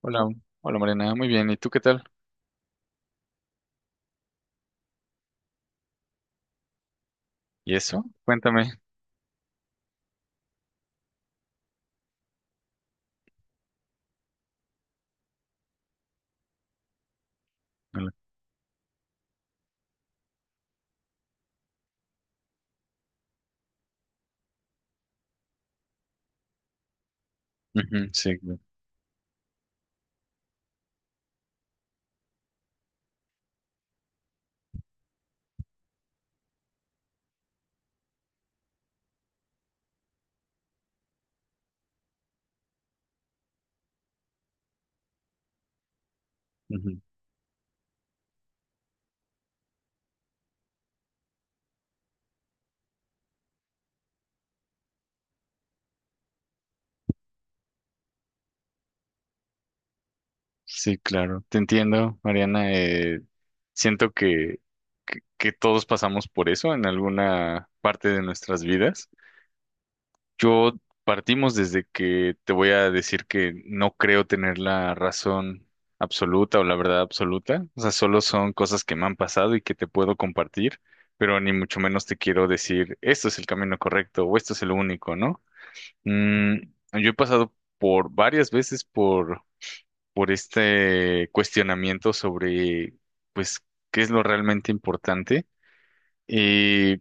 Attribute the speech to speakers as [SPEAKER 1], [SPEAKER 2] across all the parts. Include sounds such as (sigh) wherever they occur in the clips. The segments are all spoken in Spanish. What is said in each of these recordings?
[SPEAKER 1] Hola, hola Mariana, muy bien. ¿Y tú qué tal? ¿Y eso? Cuéntame. Hola. Ujú, sí, ujú. Sí, claro. Te entiendo, Mariana. Siento que todos pasamos por eso en alguna parte de nuestras vidas. Yo partimos desde que te voy a decir que no creo tener la razón absoluta o la verdad absoluta. O sea, solo son cosas que me han pasado y que te puedo compartir, pero ni mucho menos te quiero decir, esto es el camino correcto o esto es el único, ¿no? Mm, yo he pasado por varias veces por este cuestionamiento sobre, pues, qué es lo realmente importante. Y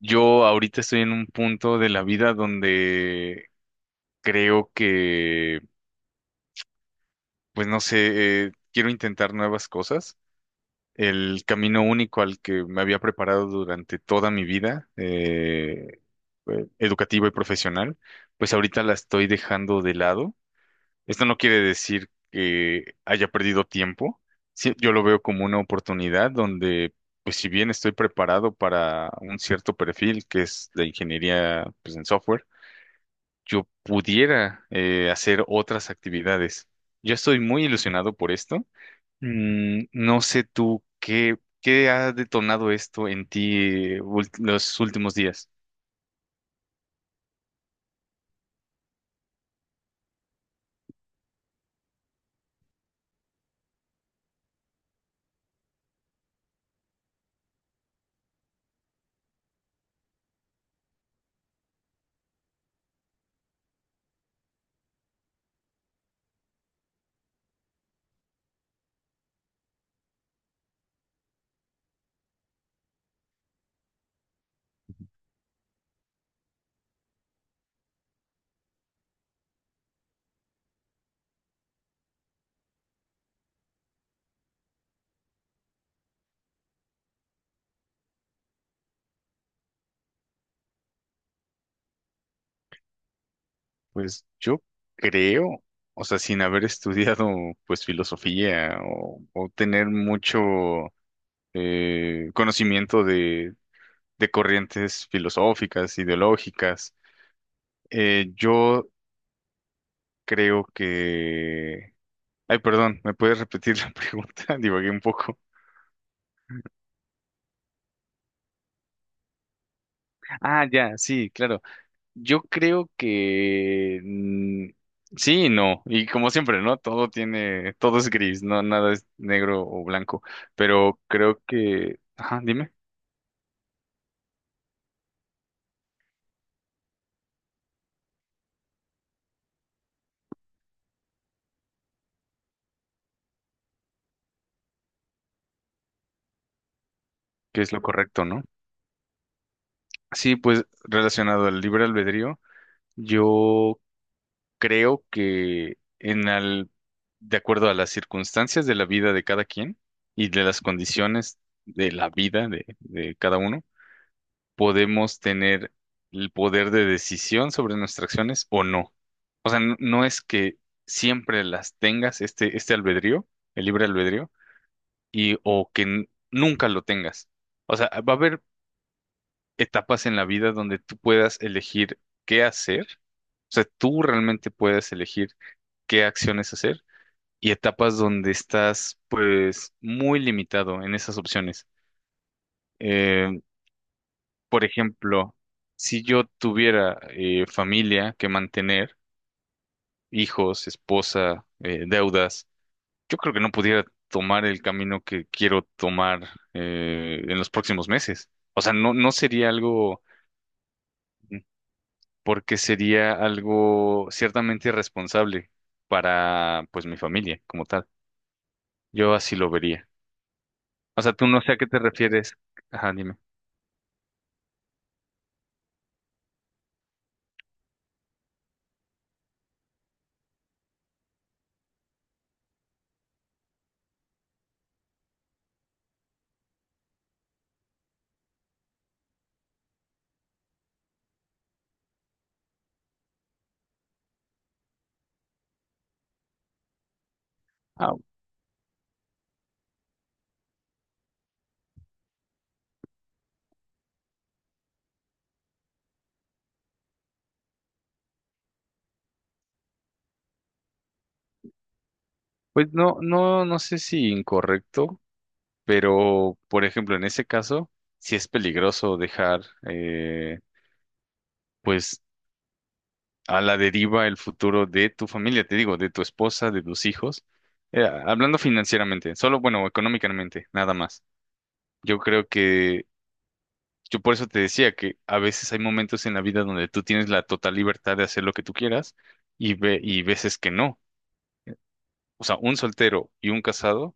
[SPEAKER 1] yo ahorita estoy en un punto de la vida donde creo que, pues, no sé, quiero intentar nuevas cosas. El camino único al que me había preparado durante toda mi vida, educativa y profesional, pues ahorita la estoy dejando de lado. Esto no quiere decir que haya perdido tiempo. Sí, yo lo veo como una oportunidad donde, pues si bien estoy preparado para un cierto perfil que es la ingeniería, pues, en software, yo pudiera hacer otras actividades. Yo estoy muy ilusionado por esto. No sé tú qué ha detonado esto en ti los últimos días. Pues yo creo, o sea, sin haber (laughs) estudiado pues filosofía o tener mucho conocimiento de corrientes filosóficas, ideológicas, yo creo que... Ay, perdón, ¿me puedes repetir la (laughs) pregunta? Divagué un poco. Ah, ya, sí, claro. Yo creo que sí y no. Y como siempre, ¿no? Todo tiene, todo es gris, no nada es negro o blanco. Pero creo que, ajá, dime, qué es lo correcto, ¿no? Sí, pues relacionado al libre albedrío, yo creo que de acuerdo a las circunstancias de la vida de cada quien y de las condiciones de la vida de cada uno podemos tener el poder de decisión sobre nuestras acciones o no. O sea, no es que siempre las tengas, este albedrío, el libre albedrío, y o que nunca lo tengas. O sea, va a haber etapas en la vida donde tú puedas elegir qué hacer. O sea, tú realmente puedes elegir qué acciones hacer y etapas donde estás, pues, muy limitado en esas opciones. Eh, Por ejemplo, si yo tuviera familia que mantener, hijos, esposa, deudas, yo creo que no pudiera tomar el camino que quiero tomar en los próximos meses. O sea, no, no sería algo, mm, porque sería algo ciertamente irresponsable para, pues, mi familia como tal. Yo así lo vería. O sea, tú no sé a qué te refieres. Ajá, dime. Ah, pues no, no, no sé si incorrecto. Pero, por ejemplo, en ese caso, sí es peligroso dejar, eh, pues, a la deriva el futuro de tu familia, te digo, de tu esposa, de tus hijos. Hablando financieramente, solo, bueno, económicamente, nada más. Yo creo que, yo por eso te decía que a veces hay momentos en la vida donde tú tienes la total libertad de hacer lo que tú quieras y, y veces que no. O sea, un soltero y un casado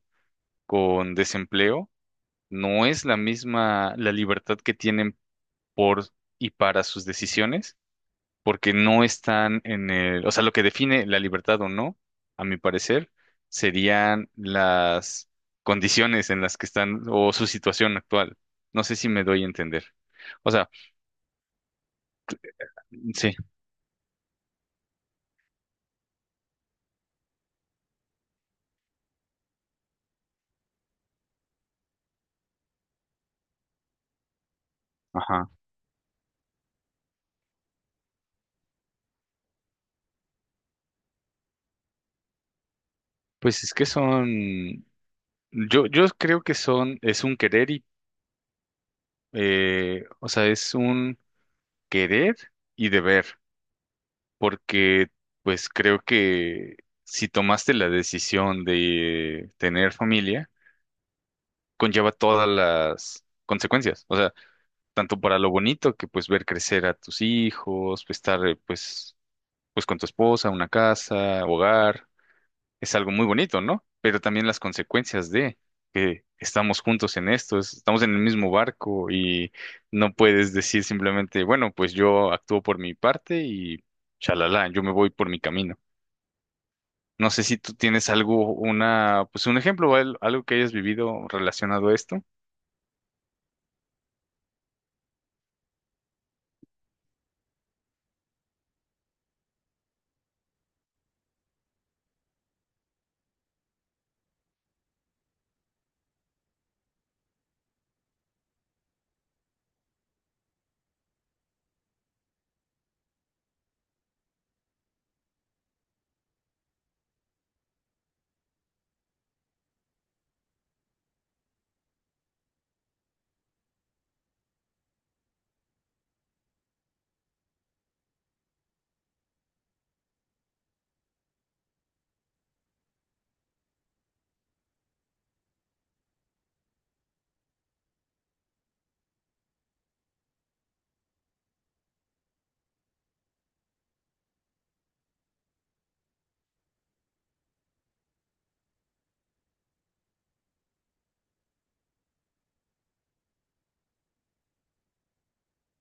[SPEAKER 1] con desempleo no es la misma la libertad que tienen por y para sus decisiones, porque no están en el, o sea, lo que define la libertad o no, a mi parecer, serían las condiciones en las que están o su situación actual. No sé si me doy a entender. O sea, sí, ajá. Pues es que son, yo creo que son, es un querer y, o sea, es un querer y deber. Porque pues creo que si tomaste la decisión de tener familia, conlleva todas las consecuencias, o sea, tanto para lo bonito que pues ver crecer a tus hijos, pues, estar pues con tu esposa, una casa, hogar, es algo muy bonito, ¿no? Pero también las consecuencias de que estamos juntos en esto, estamos en el mismo barco y no puedes decir simplemente, bueno, pues yo actúo por mi parte y chalala, yo me voy por mi camino. No sé si tú tienes algo, una, pues un ejemplo, o algo que hayas vivido relacionado a esto.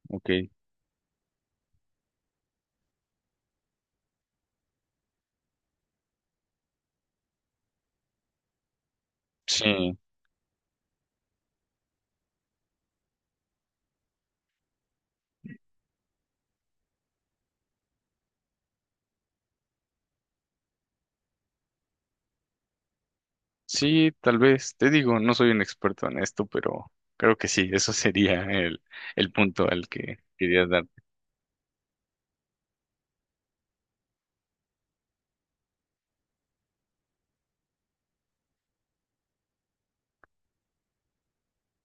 [SPEAKER 1] Ok. Sí, sí, tal vez. Te digo, no soy un experto en esto, pero creo que sí, eso sería el punto al que querías dar.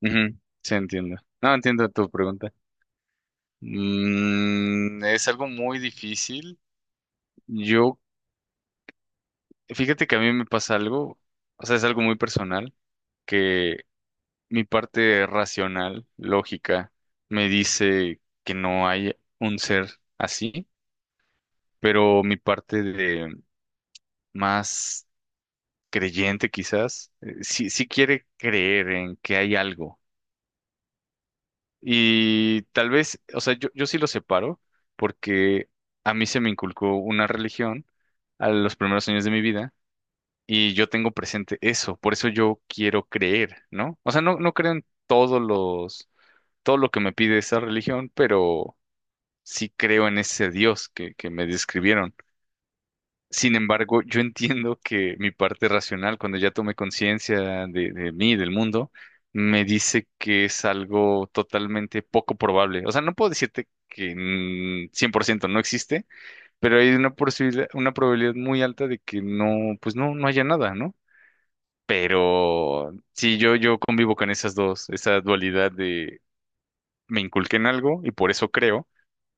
[SPEAKER 1] Ujú, sí, entiendo. No, entiendo tu pregunta. Es algo muy difícil. Yo, fíjate que a mí me pasa algo, o sea, es algo muy personal que mi parte racional, lógica, me dice que no hay un ser así, pero mi parte de más creyente quizás, sí, sí quiere creer en que hay algo. Y tal vez, o sea, yo sí lo separo porque a mí se me inculcó una religión a los primeros años de mi vida y yo tengo presente eso, por eso yo quiero creer, ¿no? O sea, no, no creo en todo lo que me pide esa religión, pero sí creo en ese Dios que me describieron. Sin embargo, yo entiendo que mi parte racional, cuando ya tomé conciencia de mí, del mundo, me dice que es algo totalmente poco probable. O sea, no puedo decirte que 100% no existe, pero hay una posibilidad, una probabilidad muy alta de que no, pues no, no haya nada, ¿no? Pero sí, yo convivo con esas dos, esa dualidad de me inculqué en algo y por eso creo,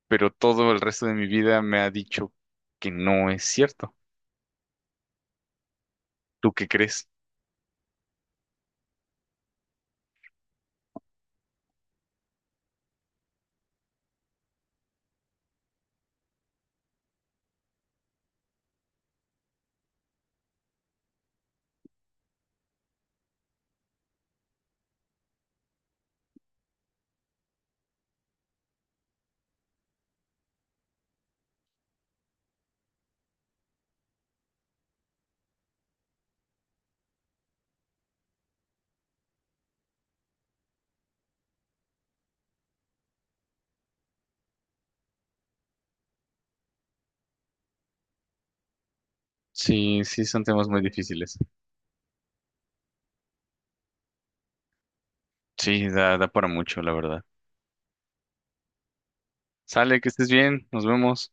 [SPEAKER 1] pero todo el resto de mi vida me ha dicho que no es cierto. ¿Tú qué crees? Sí, sí, son temas muy difíciles. Sí, da, da para mucho, la verdad. Sale, que estés bien, nos vemos.